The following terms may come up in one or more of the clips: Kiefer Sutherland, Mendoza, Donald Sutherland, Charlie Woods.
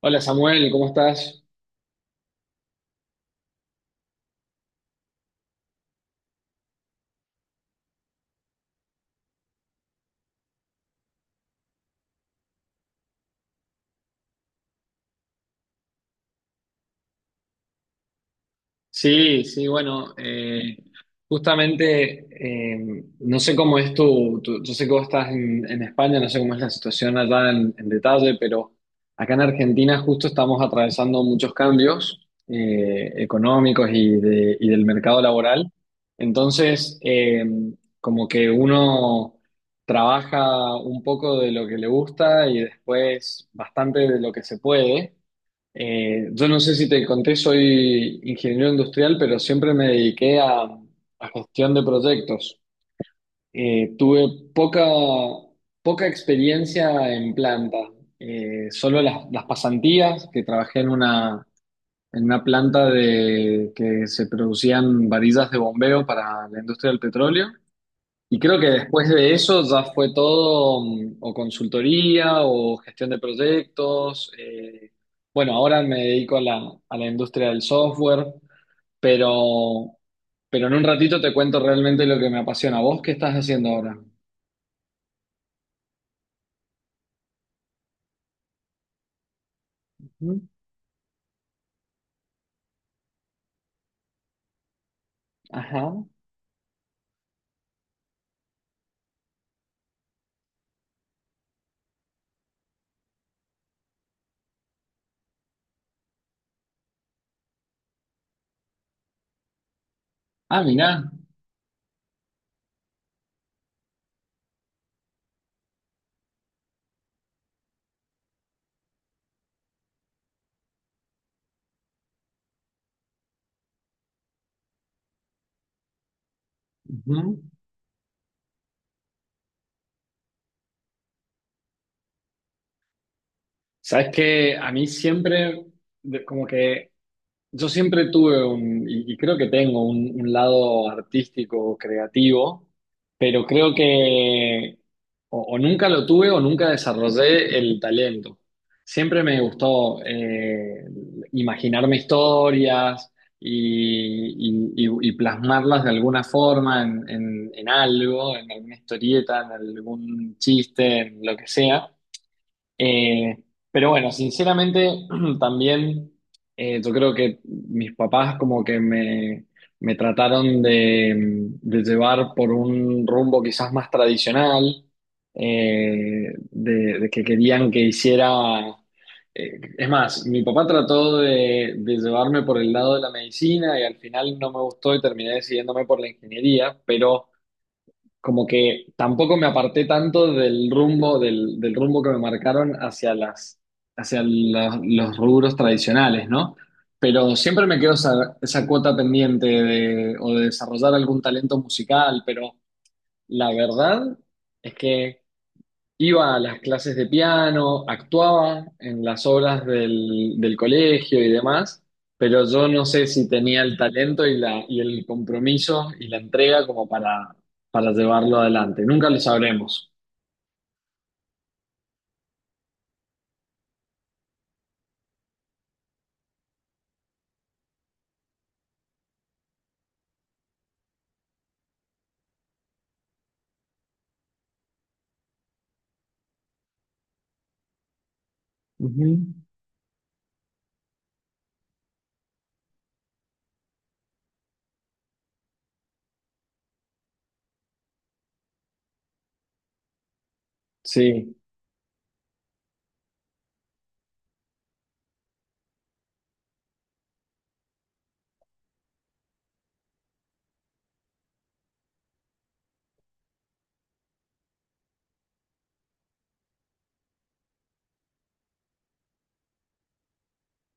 Hola Samuel, ¿cómo estás? Sí, sí, bueno, justamente no sé cómo es yo sé que vos estás en España, no sé cómo es la situación allá en detalle, pero acá en Argentina justo estamos atravesando muchos cambios económicos y del mercado laboral. Entonces, como que uno trabaja un poco de lo que le gusta y después bastante de lo que se puede. Yo no sé si te conté, soy ingeniero industrial, pero siempre me dediqué a gestión de proyectos. Tuve poca experiencia en planta. Solo las pasantías, que trabajé en una planta que se producían varillas de bombeo para la industria del petróleo. Y creo que después de eso ya fue todo o consultoría o gestión de proyectos. Bueno, ahora me dedico a la industria del software, pero, pero en un ratito te cuento realmente lo que me apasiona. ¿Vos qué estás haciendo ahora? Ujú. Ajá. Ah, mirá. Ujú. Sabes que a mí siempre, de- como que yo siempre tuve y creo que tengo un lado artístico, creativo, pero creo que o nunca lo tuve o nunca desarrollé el talento. Siempre me gustó imaginarme historias y, y plasmarlas de alguna forma en algo, en alguna historieta, en algún chiste, en lo que sea. Eh, pero bueno, sinceramente también yo creo que mis papás como que me trataron de llevar por un rumbo quizás más tradicional, de que querían que hiciera... es más, mi papá trató de llevarme por el lado de la medicina y al final no me gustó y terminé decidiéndome por la ingeniería, pero como que tampoco me aparté tanto del rumbo, del rumbo que me marcaron hacia los rubros tradicionales, ¿no? Pero siempre me quedó esa, esa cuota pendiente de, o de desarrollar algún talento musical, pero la verdad es que iba a las clases de piano, actuaba en las obras del colegio y demás, pero yo no sé si tenía el talento y el compromiso y la entrega como para llevarlo adelante. Nunca lo sabremos. Ujú. Sí.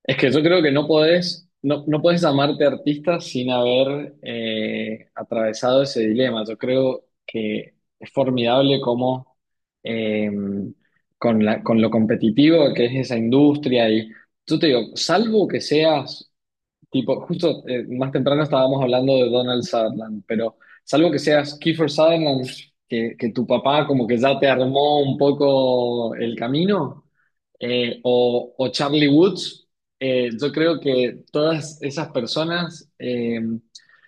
Es que yo creo que no podés, no, no podés llamarte artista sin haber atravesado ese dilema. Yo creo que es formidable cómo eh, con lo competitivo que es esa industria y yo te digo, salvo que seas tipo, justo más temprano estábamos hablando de Donald Sutherland, pero salvo que seas Kiefer Sutherland, que tu papá como que ya te armó un poco el camino, o Charlie Woods, yo creo que todas esas personas, eh,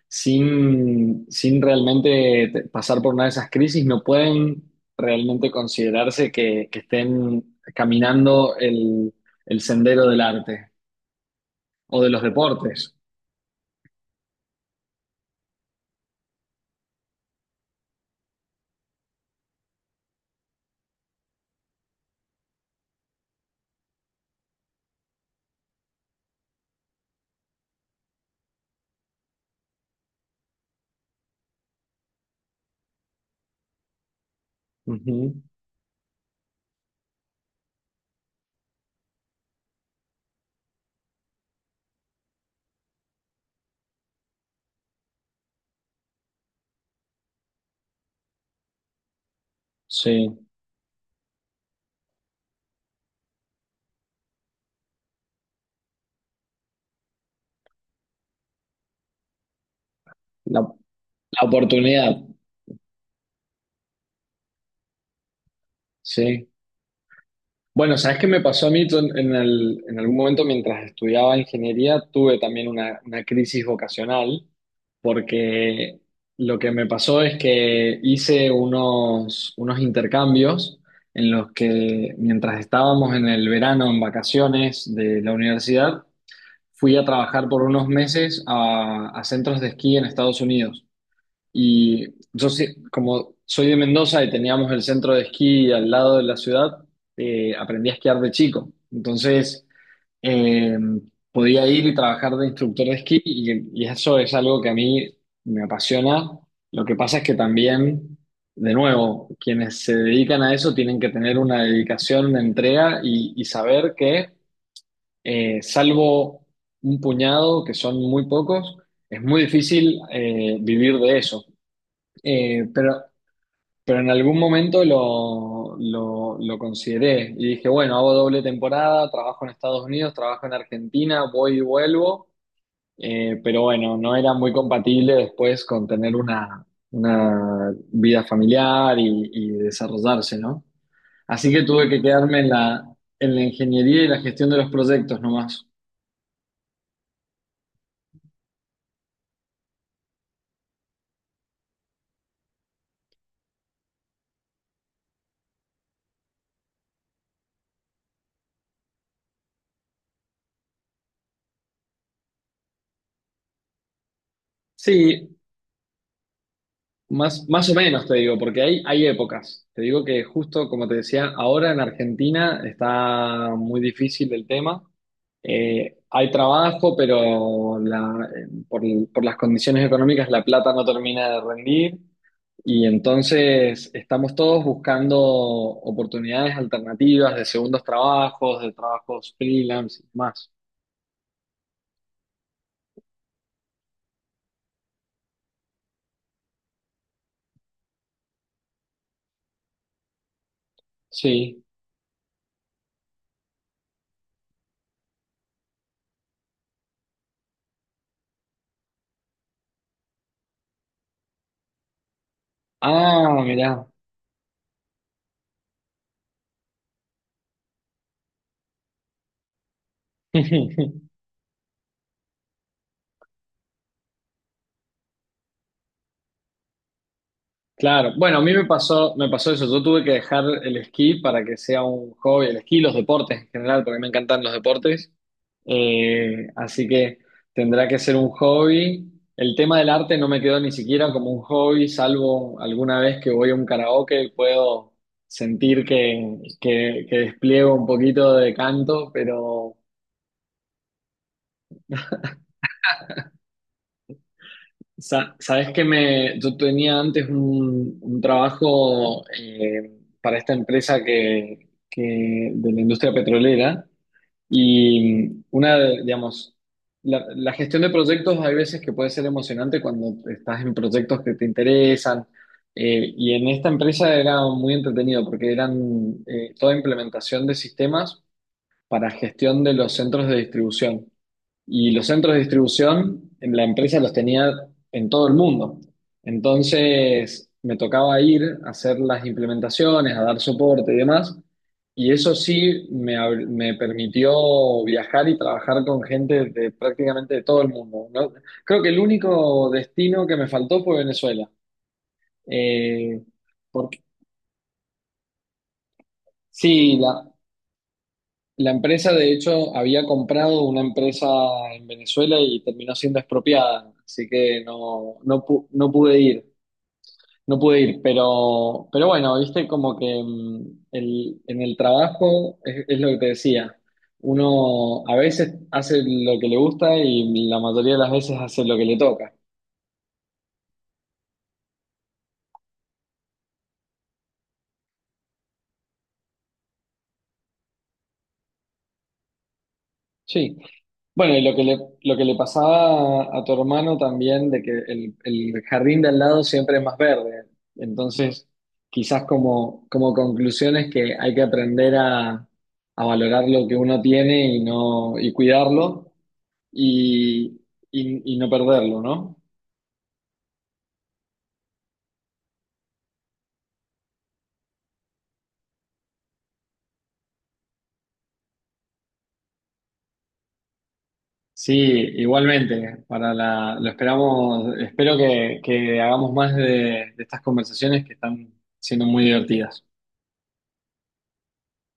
sin, sin realmente pasar por una de esas crisis, no pueden realmente considerarse que estén caminando el sendero del arte o de los deportes. Ujú. Sí, la, la oportunidad, sí. Bueno, ¿sabes qué me pasó a mí? Yo en, en algún momento mientras estudiaba ingeniería tuve también una crisis vocacional porque lo que me pasó es que hice unos, unos intercambios en los que mientras estábamos en el verano en vacaciones de la universidad, fui a trabajar por unos meses a centros de esquí en Estados Unidos. Y yo, como soy de Mendoza y teníamos el centro de esquí al lado de la ciudad, aprendí a esquiar de chico. Entonces, eh, podía ir y trabajar de instructor de esquí y eso es algo que a mí me apasiona. Lo que pasa es que también, de nuevo, quienes se dedican a eso tienen que tener una dedicación, una entrega y saber que, salvo un puñado, que son muy pocos, es muy difícil vivir de eso. Eh, pero, pero en algún momento lo consideré y dije, bueno, hago doble temporada, trabajo en Estados Unidos, trabajo en Argentina, voy y vuelvo. Pero bueno, no era muy compatible después con tener una vida familiar y desarrollarse, ¿no? Así que tuve que quedarme en la ingeniería y la gestión de los proyectos nomás. Sí, más, más o menos te digo, porque hay épocas. Te digo que justo como te decía, ahora en Argentina está muy difícil el tema. Hay trabajo, pero por las condiciones económicas la plata no termina de rendir y entonces estamos todos buscando oportunidades alternativas de segundos trabajos, de trabajos freelance y más. Sí. Ah, mirá. Claro, bueno, a mí me pasó eso. Yo tuve que dejar el esquí para que sea un hobby, el esquí, los deportes en general, porque me encantan los deportes. Así que tendrá que ser un hobby. El tema del arte no me quedó ni siquiera como un hobby, salvo alguna vez que voy a un karaoke y puedo sentir que despliego un poquito de canto, pero sabes que me, yo tenía antes un trabajo para esta empresa de la industria petrolera y una, digamos, la gestión de proyectos hay veces que puede ser emocionante cuando estás en proyectos que te interesan y en esta empresa era muy entretenido porque eran toda implementación de sistemas para gestión de los centros de distribución. Y los centros de distribución, en la empresa los tenía en todo el mundo. Entonces, me tocaba ir a hacer las implementaciones, a dar soporte y demás. Y eso sí me, me permitió viajar y trabajar con gente de prácticamente de todo el mundo, ¿no? Creo que el único destino que me faltó fue Venezuela. Eh, porque, sí, la empresa, de hecho, había comprado una empresa en Venezuela y terminó siendo expropiada, así que no, no, no pude ir, no pude ir, pero bueno, viste como que en el trabajo es lo que te decía, uno a veces hace lo que le gusta y la mayoría de las veces hace lo que le toca. Sí. Bueno, y lo que le pasaba a tu hermano también, de que el jardín de al lado siempre es más verde. Entonces, quizás como, como conclusión es que hay que aprender a valorar lo que uno tiene y no, y cuidarlo y, y no perderlo, ¿no? Sí, igualmente, para la, lo esperamos, espero que hagamos más de estas conversaciones que están siendo muy divertidas.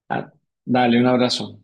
Ah, dale, un abrazo.